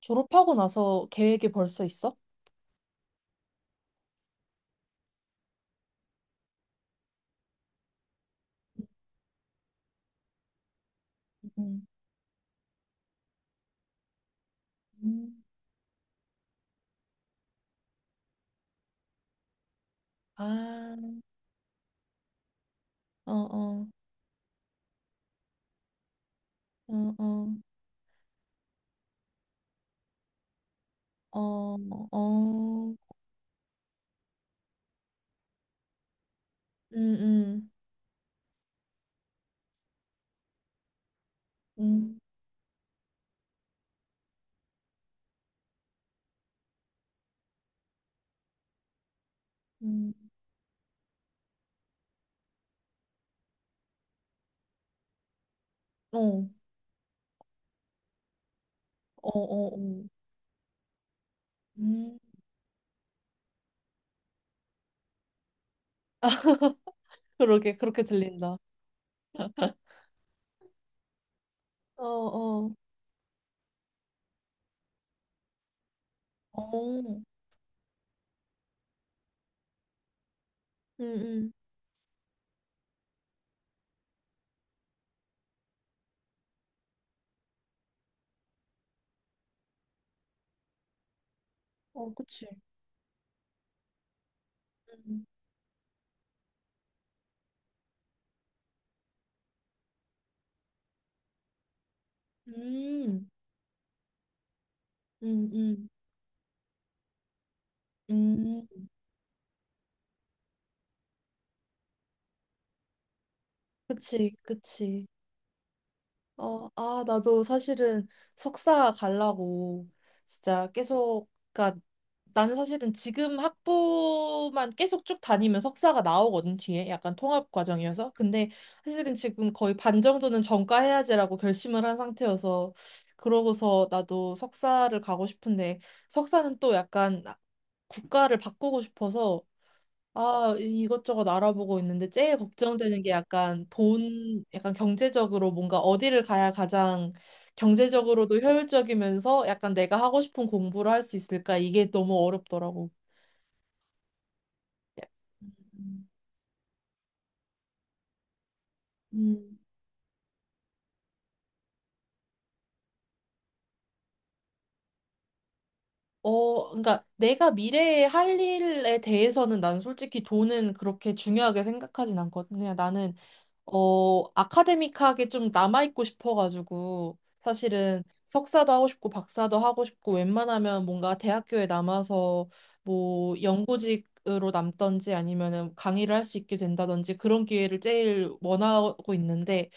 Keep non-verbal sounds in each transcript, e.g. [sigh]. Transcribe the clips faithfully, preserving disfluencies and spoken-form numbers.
졸업하고 나서 계획이 벌써 있어? 음. 음. 아, 어, 어, 어, 어, 어, 어, 음, 음, 음, 음, 어, 어, 어, 어, 음. [laughs] 그러게, 그렇게 들린다. [laughs] 어, 어, 어, 음, 음, 어, 그치. 음, 음, 음, 음, 음. 그치, 그치. 어, 아, 나도 사실은 석사 가려고 진짜 계속, 그니까 나는 사실은 지금 학부만 계속 쭉 다니면 석사가 나오거든, 뒤에. 약간 통합 과정이어서. 근데 사실은 지금 거의 반 정도는 전과해야지라고 결심을 한 상태여서 그러고서 나도 석사를 가고 싶은데 석사는 또 약간 국가를 바꾸고 싶어서 아, 이- 것저것 알아보고 있는데 제일 걱정되는 게 약간 돈, 약간 경제적으로 뭔가 어디를 가야 가장 경제적으로도 효율적이면서 약간 내가 하고 싶은 공부를 할 수 있을까? 이게 너무 어렵더라고. 음. 음. 어, 그러니까 내가 미래에 할 일에 대해서는 난 솔직히 돈은 그렇게 중요하게 생각하진 않거든. 그냥 나는 어, 아카데믹하게 좀 남아있고 싶어가지고, 사실은 석사도 하고 싶고, 박사도 하고 싶고, 웬만하면 뭔가 대학교에 남아서 뭐 연구직으로 남던지 아니면은 강의를 할 수 있게 된다든지 그런 기회를 제일 원하고 있는데,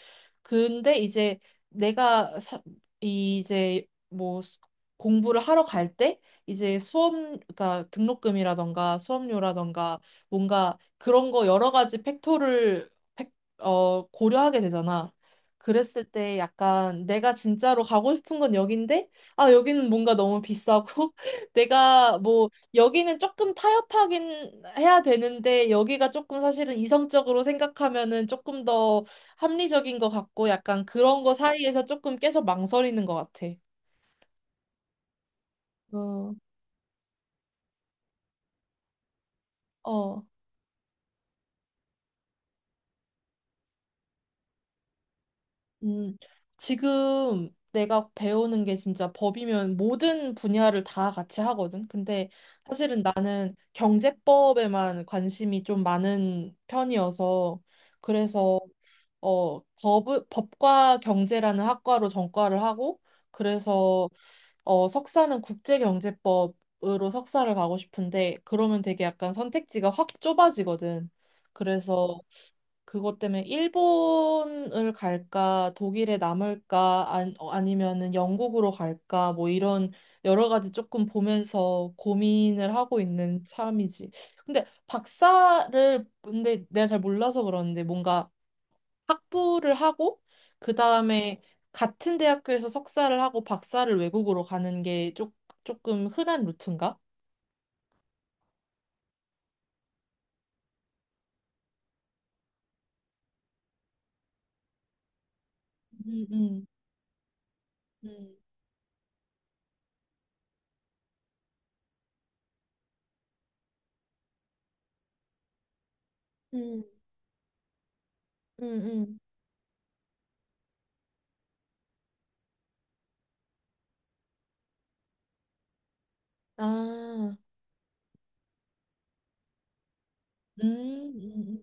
근데 이제 내가 사, 이제 뭐 수- 공부를 하러 갈 때, 이제 수업, 그러니까 등록금이라던가 수업료라던가 뭔가 그런 거 여러 가지 팩토를 어, 고려하게 되잖아. 그랬을 때 약간 내가 진짜로 가고 싶은 건 여긴데, 아, 여기는 뭔가 너무 비싸고, [laughs] 내가 뭐, 여기는 조금 타협하긴 해야 되는데, 여기가 조금 사실은 이성적으로 생각하면은 조금 더 합리적인 것 같고, 약간 그런 거 사이에서 조금 계속 망설이는 것 같아. 어, 어. 음, 지금 내가 배우는 게 진짜 법이면 모든 분야를 다 같이 하거든. 근데 사실은 나는 경제법에만 관심이 좀 많은 편이어서 그래서 어, 법, 법과 경제라는 학과로 전과를 하고 그래서 어, 석사는 국제경제법으로 석사를 가고 싶은데 그러면 되게 약간 선택지가 확 좁아지거든. 그래서 그것 때문에 일본을 갈까, 독일에 남을까, 안- 어, 아니면은 영국으로 갈까, 뭐 이런 여러 가지 조금 보면서 고민을 하고 있는 참이지. 근데 박사를, 근데 내가 잘 몰라서 그러는데 뭔가 학부를 하고, 그 다음에 같은 대학교에서 석사를 하고 박사를 외국으로 가는 게 조, 조금 흔한 루트인가? 음, 음, 음, 음, 음, 음. 아, 음, 음,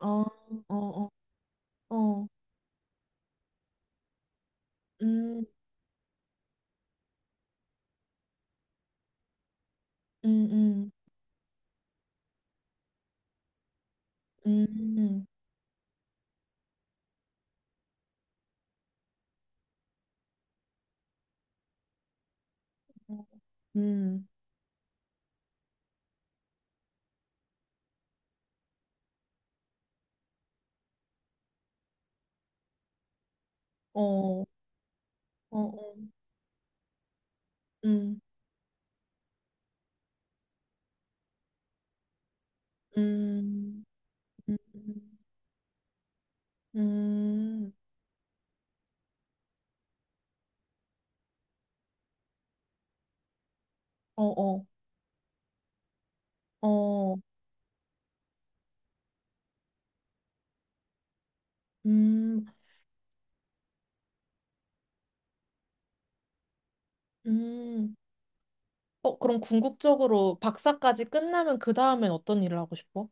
어, 어, 어, 어, 음, 음, 음, 음, 어, 음, 어, 어, 어, 음, 음, 음, 음, 어, 어, 어, 음, 음. 어, 그럼 궁극적으로 박사까지 끝나면 그 다음엔 어떤 일을 하고 싶어?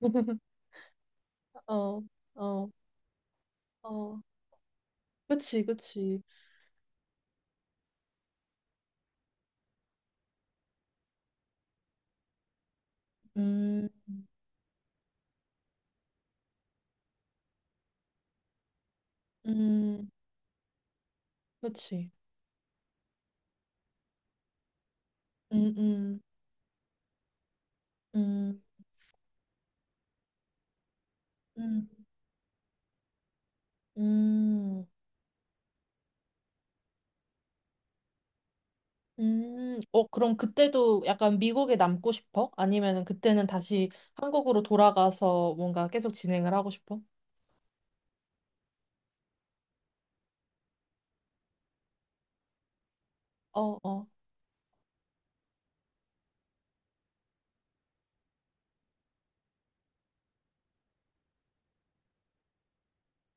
[laughs] 어, 어, 어. 그치, 그치. 음, 음, 그치. 음, 음, 음, 음, 음. 음, 어, 그럼 그때도 약간 미국에 남고 싶어? 아니면은 그때는 다시 한국으로 돌아가서 뭔가 계속 진행을 하고 싶어? 어, 어,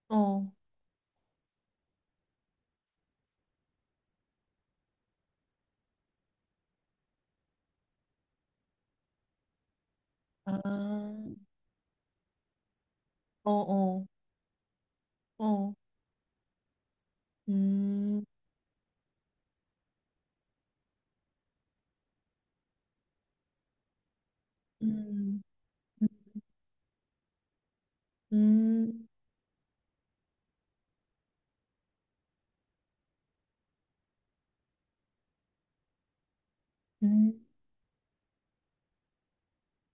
어, 아, 어, 어, 어, 음, 음, 음, 음,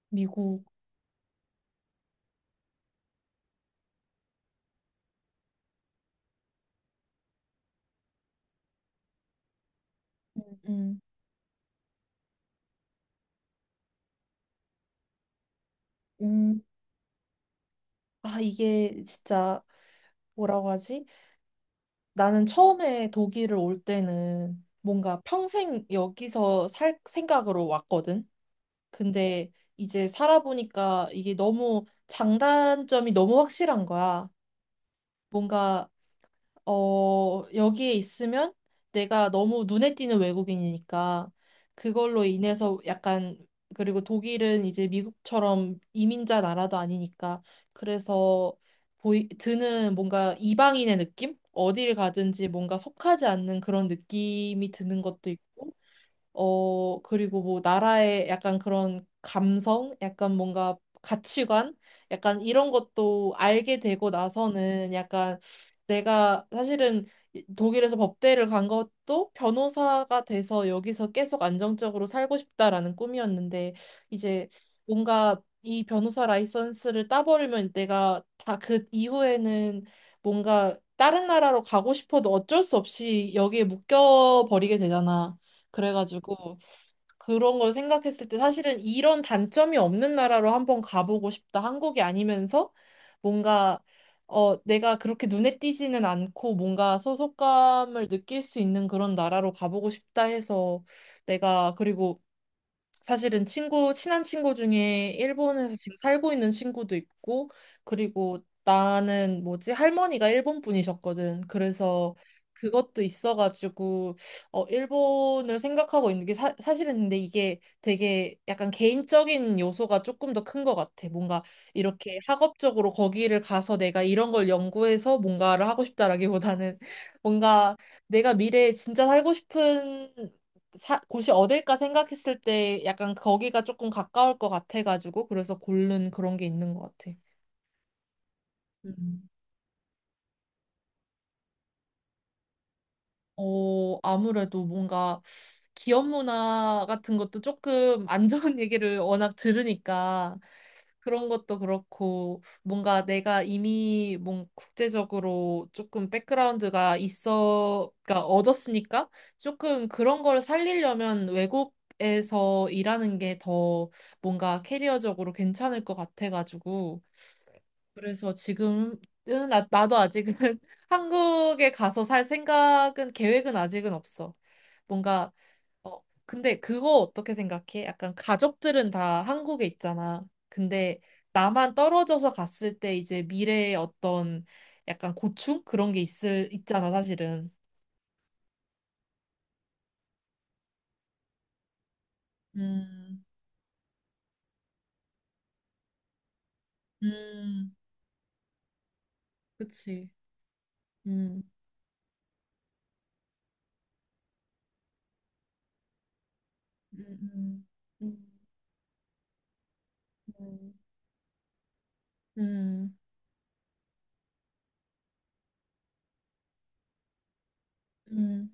미국, 음, 음, 음. 아, 이게 진짜 뭐라고 하지? 나는 처음에 독일을 올 때는 뭔가 평생 여기서 살 생각으로 왔거든. 근데 이제 살아보니까 이게 너무 장단점이 너무 확실한 거야. 뭔가, 어, 여기에 있으면 내가 너무 눈에 띄는 외국인이니까 그걸로 인해서 약간, 그리고 독일은 이제 미국처럼 이민자 나라도 아니니까 그래서 보이, 드는 뭔가 이방인의 느낌? 어디를 가든지 뭔가 속하지 않는 그런 느낌이 드는 것도 있고 어, 그리고 뭐 나라의 약간 그런 감성, 약간 뭔가 가치관, 약간 이런 것도 알게 되고 나서는 약간 내가 사실은 이- 독일에서 법대를 간 것도 변호사가 돼서 여기서 계속 안정적으로 살고 싶다라는 꿈이었는데 이제 뭔가 이 변호사 라이선스를 따버리면 내가 다 그 이후에는 뭔가 다른 나라로 가고 싶어도 어쩔 수 없이 여기에 묶여 버리게 되잖아. 그래가지고 그런 걸 생각했을 때 사실은 이런 단점이 없는 나라로 한번 가보고 싶다. 한국이 아니면서 뭔가 어 내가 그렇게 눈에 띄지는 않고 뭔가 소속감을 느낄 수 있는 그런 나라로 가보고 싶다 해서 내가 그리고 사실은 친구, 친한 친구 중에 일본에서 지금 살고 있는 친구도 있고, 그리고 나는 뭐지, 할머니가 일본 분이셨거든. 그래서 그것도 있어가지고, 어, 일본을 생각하고 있는 게 사, 사실은 근데 이게 되게 약간 개인적인 요소가 조금 더 큰 것 같아. 뭔가 이렇게 학업적으로 거기를 가서 내가 이런 걸 연구해서 뭔가를 하고 싶다라기보다는 [laughs] 뭔가 내가 미래에 진짜 살고 싶은 사, 곳이 어딜까 생각했을 때 약간 거기가 조금 가까울 것 같아가지고 그래서 고른 그런 게 있는 것 같아. 음. 어, 아무래도 뭔가 기업 문화 같은 것도 조금 안 [laughs] 좋은 얘기를 워낙 들으니까 그런 것도 그렇고 뭔가 내가 이미 뭔 국제적으로 조금 백그라운드가 있어, 그러니까 얻었으니까 조금 그런 걸 살리려면 외국에서 일하는 게 더 뭔가 캐리어적으로 괜찮을 것 같아가지고 그래서 지금은 나, 나도 아직은 [laughs] 한국에 가서 살 생각은 계획은 아직은 없어. 뭔가 어 근데 그거 어떻게 생각해? 약간 가족들은 다 한국에 있잖아. 근데 나만 떨어져서 갔을 때 이제 미래의 어떤 약간 고충 그런 게 있을 있잖아, 사실은. 음. 음. 그치. 음. 음. 음. 음. 음. 음.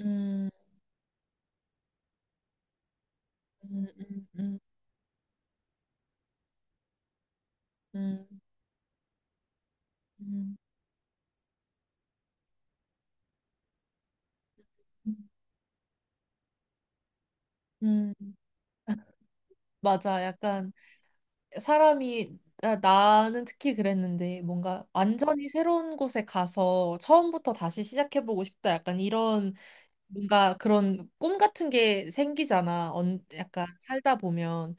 음. 음. 음. 음. 음. 음. 음, 음, 맞아. 약간 사람이 나- 나는 특히 그랬는데 뭔가 완전히 새로운 곳에 가서 처음부터 다시 시작해보고 싶다. 약간 이런 뭔가 그런 꿈 같은 게 생기잖아. 언, 약간 살다 보면.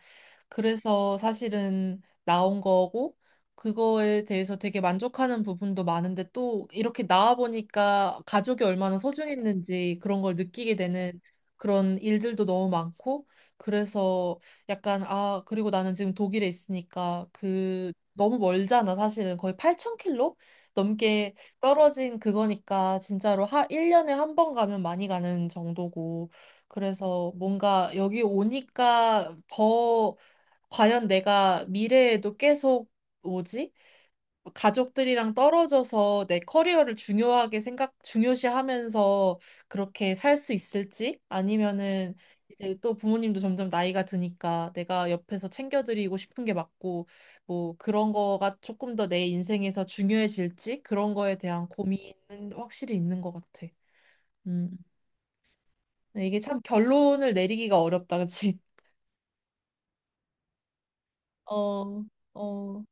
그래서 사실은 나온 거고, 그거에 대해서 되게 만족하는 부분도 많은데 또 이렇게 나와 보니까 가족이 얼마나 소중했는지 그런 걸 느끼게 되는 그런 일들도 너무 많고, 그래서 약간, 아, 그리고 나는 지금 독일에 있으니까 그 너무 멀잖아, 사실은. 거의 팔천 킬로 넘게 떨어진 그거니까 진짜로 하 일 년에 한 번 가면 많이 가는 정도고 그래서 뭔가 여기 오니까 더 과연 내가 미래에도 계속 뭐지? 가족들이랑 떨어져서 내 커리어를 중요하게 생각, 중요시하면서 그렇게 살 수 있을지? 아니면은 이제 또 부모님도 점점 나이가 드니까 내가 옆에서 챙겨드리고 싶은 게 맞고, 뭐 그런 거가 조금 더 내 인생에서 중요해질지? 그런 거에 대한 고민은 확실히 있는 것 같아. 음. 근데 이게 참 결론을 내리기가 어렵다, 그치? 어, 어.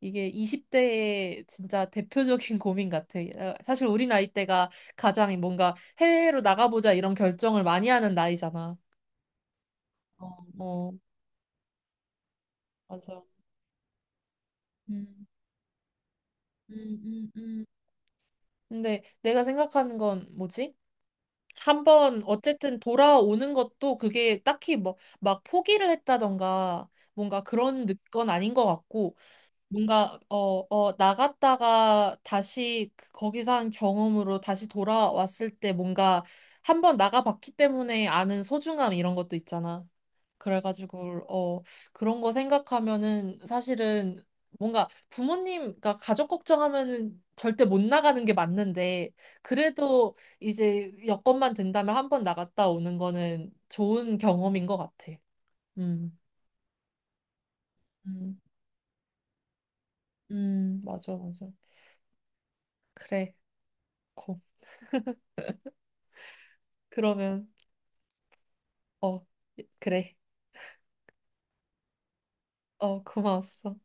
이게 이십 대의 진짜 대표적인 [laughs] 고민 같아. 어, 사실 우리 나이 때가 가장 뭔가 해외로 나가보자 이런 결정을 많이 하는 나이잖아. 어, 어, 맞아. 음, 음, 음, 음. 근데 내가 생각하는 건 뭐지? 한번 어쨌든 돌아오는 것도 그게 딱히 뭐 막 포기를 했다던가 뭔가 그런 건 아닌 것 같고 뭔가 어, 어, 나갔다가 다시 그- 거기서 한 경험으로 다시 돌아왔을 때 뭔가 한 번 나가봤기 때문에 아는 소중함 이런 것도 있잖아. 그래가지고 어, 그런 거 생각하면은 사실은 뭔가 부모님, 그 가족 걱정하면은 절대 못 나가는 게 맞는데 그래도 이제 여건만 된다면 한 번 나갔다 오는 거는 좋은 경험인 것 같아. 음, 음, 음, 맞아, 맞아. 그래. 고. 그러면. 어, 그래. 어, 고마웠어.